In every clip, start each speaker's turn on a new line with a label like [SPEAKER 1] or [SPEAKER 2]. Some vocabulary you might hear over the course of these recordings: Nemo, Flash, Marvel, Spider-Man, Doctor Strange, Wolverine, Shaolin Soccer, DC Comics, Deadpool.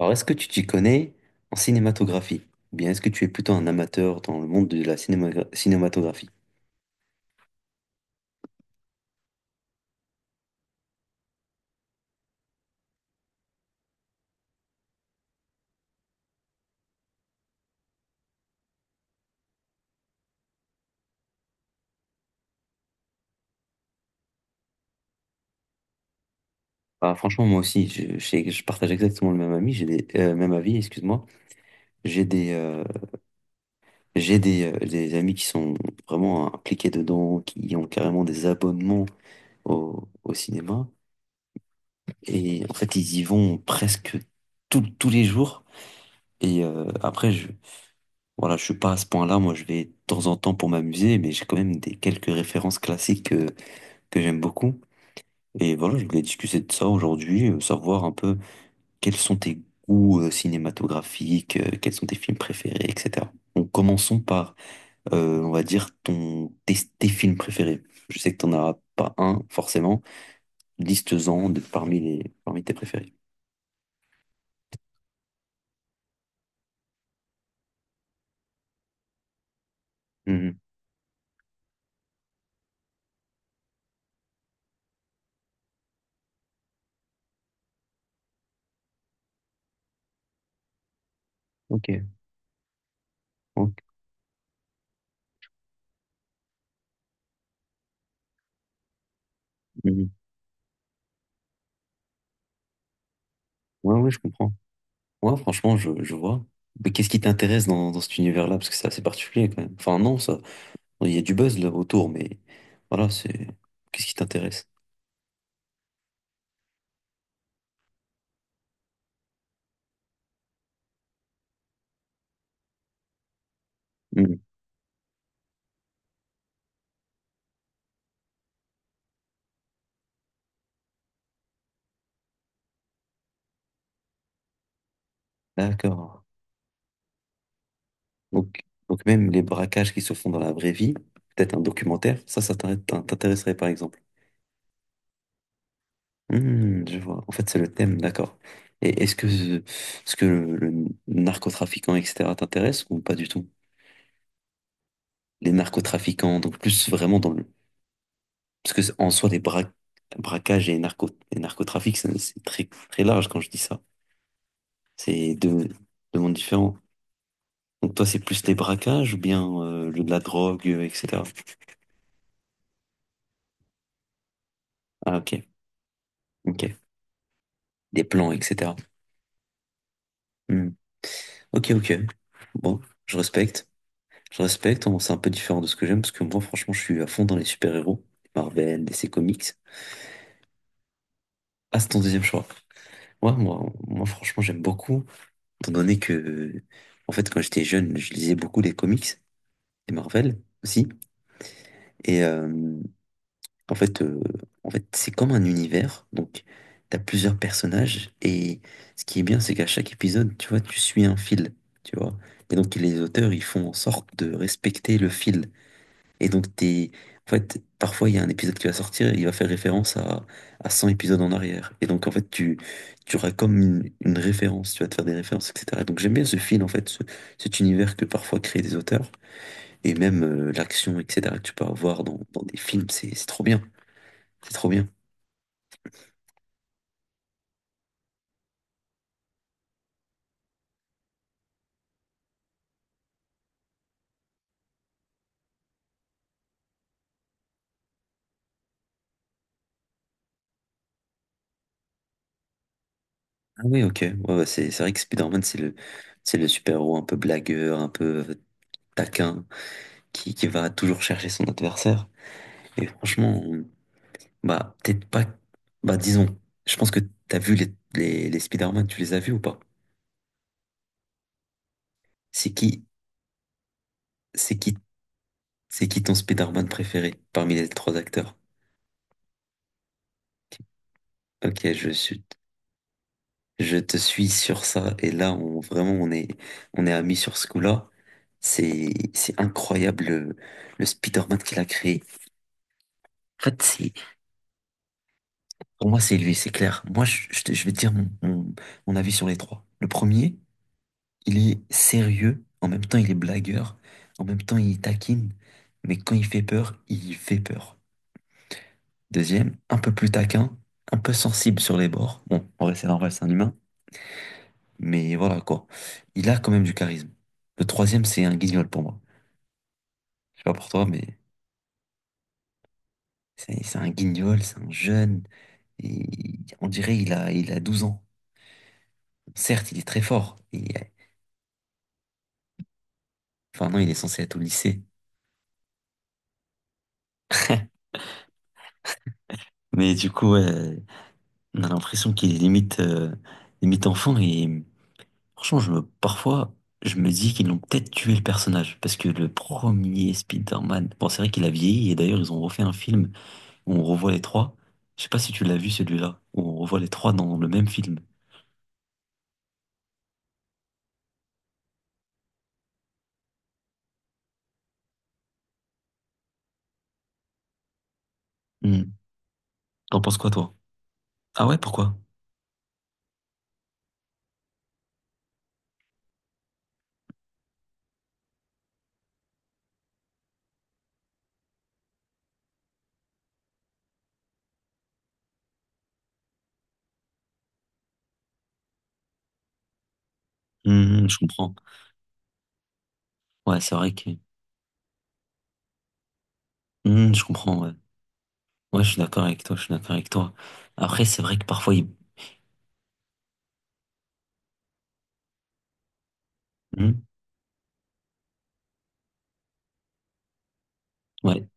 [SPEAKER 1] Alors, est-ce que tu t'y connais en cinématographie? Ou bien est-ce que tu es plutôt un amateur dans le monde de la cinématographie? Ah, franchement, moi aussi, je partage exactement le même ami, même avis, excuse-moi. J'ai des, euh, j'ai des amis qui sont vraiment impliqués dedans, qui ont carrément des abonnements au cinéma. Et en fait, ils y vont presque tous les jours. Et après, voilà, je suis pas à ce point-là. Moi, je vais de temps en temps pour m'amuser, mais j'ai quand même des quelques références classiques que j'aime beaucoup. Et voilà, je voulais discuter de ça aujourd'hui, savoir un peu quels sont tes goûts cinématographiques, quels sont tes films préférés, etc. Donc commençons par, on va dire, tes films préférés. Je sais que t'en as pas un, forcément. Liste-en parmi tes préférés. Mhm. Ok. Ok. Mhm. Ouais, ouais, je comprends. Ouais, franchement, je vois. Mais qu'est-ce qui t'intéresse dans cet univers-là? Parce que c'est assez particulier quand même. Enfin, non, ça, il y a du buzz là autour, mais voilà, c'est. Qu'est-ce qui t'intéresse? Hmm, d'accord. Donc, donc même les braquages qui se font dans la vraie vie, peut-être un documentaire, ça t'intéresserait par exemple. Hmm, je vois. En fait, c'est le thème, d'accord. Et est-ce que le narcotrafiquant, etc., t'intéresse ou pas du tout? Les narcotrafiquants, donc plus vraiment dans le... Parce que en soi, les braquages et, narco et narcotrafic, c'est très, très large quand je dis ça. C'est deux mondes différents. Donc toi, c'est plus les braquages ou bien de la drogue, etc. Ah, ok. Ok. Des plans, etc. Hmm. Ok, ok. Bon, je respecte. Je respecte. Bon, c'est un peu différent de ce que j'aime parce que moi, franchement, je suis à fond dans les super-héros, Marvel, DC Comics. Ah, c'est ton deuxième choix. Ouais, moi, franchement, j'aime beaucoup. Étant donné que, en fait, quand j'étais jeune, je lisais beaucoup les comics, les Marvel aussi. Et, euh, En fait, c'est comme un univers. Donc, t'as plusieurs personnages. Et ce qui est bien, c'est qu'à chaque épisode, tu vois, tu suis un fil. Tu vois. Et donc, les auteurs, ils font en sorte de respecter le fil. Et donc, t'es. En fait, parfois, il y a un épisode qui va sortir, il va faire référence à 100 épisodes en arrière. Et donc, en fait, tu auras comme une référence, tu vas te faire des références, etc. Donc, j'aime bien ce fil, en fait, cet univers que parfois créent des auteurs, et même l'action, etc., que tu peux avoir dans des films, c'est trop bien. C'est trop bien. Ah oui, ok. Ouais, ouais, c'est vrai que Spider-Man, c'est le super-héros un peu blagueur, un peu taquin, qui va toujours chercher son adversaire. Et franchement, bah, peut-être pas. Bah, disons, je pense que t'as vu les Spider-Man, tu les as vus ou pas? C'est qui, c'est qui, c'est qui ton Spider-Man préféré parmi les trois acteurs? Ok, je te suis sur ça. Et là, on, vraiment, on est amis sur ce coup-là. C'est, c'est incroyable le Spider-Man qu'il a créé. En fait, c'est Pour moi, c'est lui, c'est clair. Moi, je vais te dire mon avis sur les trois. Le premier, il est sérieux, en même temps, il est blagueur, en même temps, il taquine, mais quand il fait peur, il fait peur. Deuxième, un peu plus taquin, un peu sensible sur les bords. Bon, en vrai, c'est normal, c'est un humain, mais voilà quoi. Il a quand même du charisme. Le troisième, c'est un guignol pour moi. Je sais pas pour toi, mais c'est un guignol, c'est un jeune, et on dirait il a 12 ans. Certes, il est très fort. Enfin, non, il est censé être au lycée. Mais du coup, ouais, on a l'impression qu'il est limite enfant et franchement, parfois, je me dis qu'ils ont peut-être tué le personnage parce que le premier Spider-Man, bon, c'est vrai qu'il a vieilli et d'ailleurs, ils ont refait un film où on revoit les trois. Je sais pas si tu l'as vu celui-là, où on revoit les trois dans le même film. Hmm. T'en penses quoi, toi? Ah ouais, pourquoi? Hmm, je comprends. Ouais, c'est vrai que. Hmm, je comprends, ouais. Ouais, je suis d'accord avec toi, je suis d'accord avec toi. Après, c'est vrai que parfois, il... Hmm, ouais,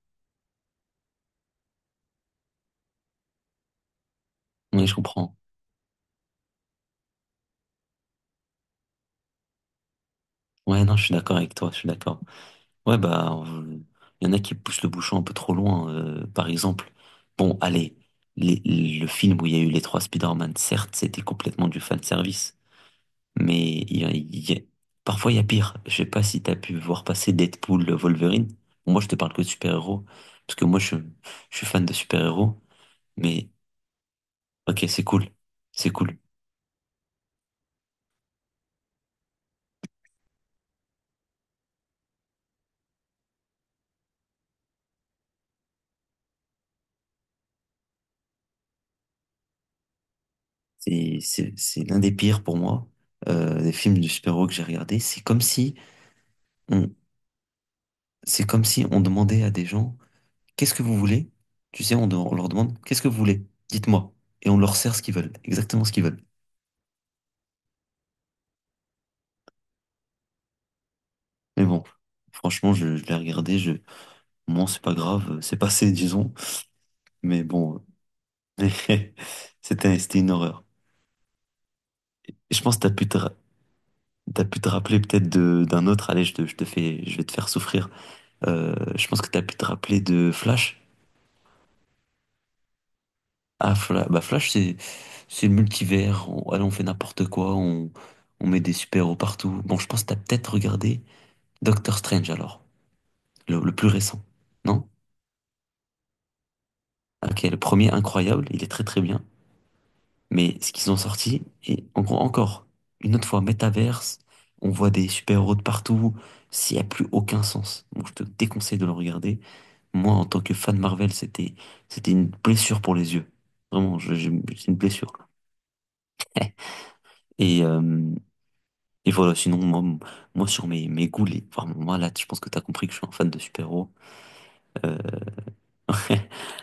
[SPEAKER 1] ouais, je comprends. Ouais, non, je suis d'accord avec toi, je suis d'accord. Ouais, bah, il y en a qui poussent le bouchon un peu trop loin. Par exemple, bon, allez, les- le film où il y a eu les trois Spider-Man, certes, c'était complètement du fanservice, mais parfois il y a pire. Je sais pas si t'as pu voir passer Deadpool, Wolverine. Bon, moi, je te parle que de super-héros, parce que moi, je suis fan de super-héros, mais ok, c'est cool, c'est cool. C'est l'un des pires pour moi, des films de super-héros que j'ai regardé. C'est comme si. C'est comme si on demandait à des gens, qu'est-ce que vous voulez? Tu sais, on leur demande, qu'est-ce que vous voulez? Dites-moi. Et on leur sert ce qu'ils veulent, exactement ce qu'ils veulent. Mais bon, franchement, je l'ai regardé, moi, c'est pas grave, c'est passé, disons. Mais bon, c'était une horreur. Et je pense que t'as pu te rappeler peut-être d'un autre, allez, je vais te faire souffrir. Je pense que t'as pu te rappeler de Flash. Ah, Flash, bah Flash, c'est le multivers. On, allez, on fait n'importe quoi. On met des super-héros partout. Bon, je pense que t'as peut-être regardé Doctor Strange alors, le plus récent. Non? Ok, le premier incroyable, il est très très bien. Mais ce qu'ils ont sorti, et en gros, encore une autre fois, métaverse, on voit des super-héros de partout. S'il n'y a plus aucun sens. Bon, je te déconseille de le regarder. Moi, en tant que fan Marvel, c'était une blessure pour les yeux. Vraiment, j'ai une blessure. Et, euh, Et voilà, sinon, moi sur mes goûts, vraiment, moi, là, je pense que t'as compris que je suis un fan de super-héros. Euh,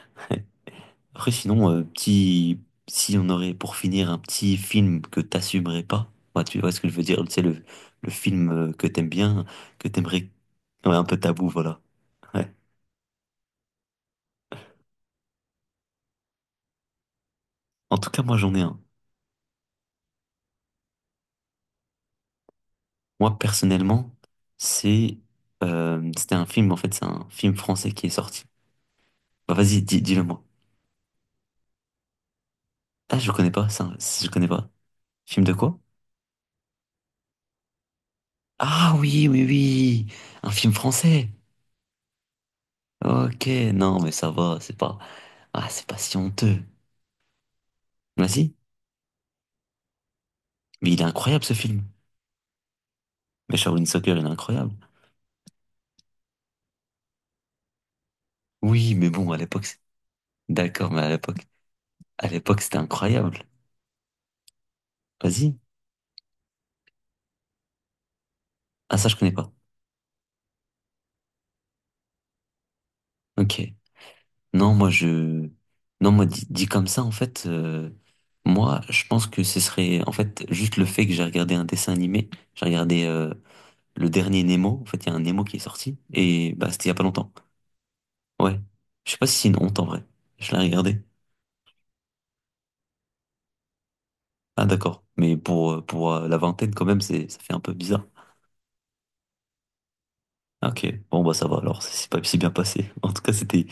[SPEAKER 1] Après, sinon, si on aurait pour finir un petit film que t'assumerais pas, bah, tu vois ce que je veux dire, c'est le film que t'aimes bien, que t'aimerais, ouais, un peu tabou, voilà. Ouais. En tout cas, moi, j'en ai un. Moi, personnellement, c'est, c'était un film, en fait, c'est un film français qui est sorti. Bah, vas-y, dis-le moi. Ah, je connais pas, ça, je connais pas. Film de quoi? Ah oui, oui, oui. Un film français. Ok, non, mais ça va, c'est pas... Ah, c'est pas si honteux. Vas-y. Mais il est incroyable, ce film. Mais Shaolin Soccer, il est incroyable. Oui, mais bon, à l'époque... D'accord, mais à l'époque... À l'époque, c'était incroyable. Vas-y. Ah, ça, je connais pas. Ok. Non, moi, je... Non, moi, dit comme ça, en fait... Moi, je pense que ce serait... En fait, juste le fait que j'ai regardé un dessin animé. J'ai regardé le dernier Nemo. En fait, il y a un Nemo qui est sorti. Et bah, c'était il y a pas longtemps. Ouais. Je sais pas si c'est une honte en vrai. Je l'ai regardé. Ah d'accord. Mais pour la vingtaine quand même, ça fait un peu bizarre. Ah, ok. Bon bah ça va alors, c'est pas si bien passé. En tout cas, c'était,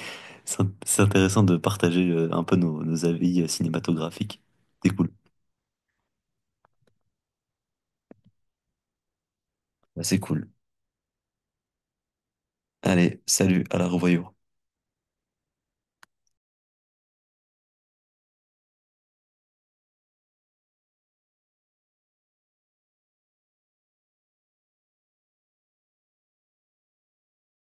[SPEAKER 1] c'est intéressant de partager un peu nos avis cinématographiques. C'est cool. Bah, c'est cool. Allez, salut, à la revoyure.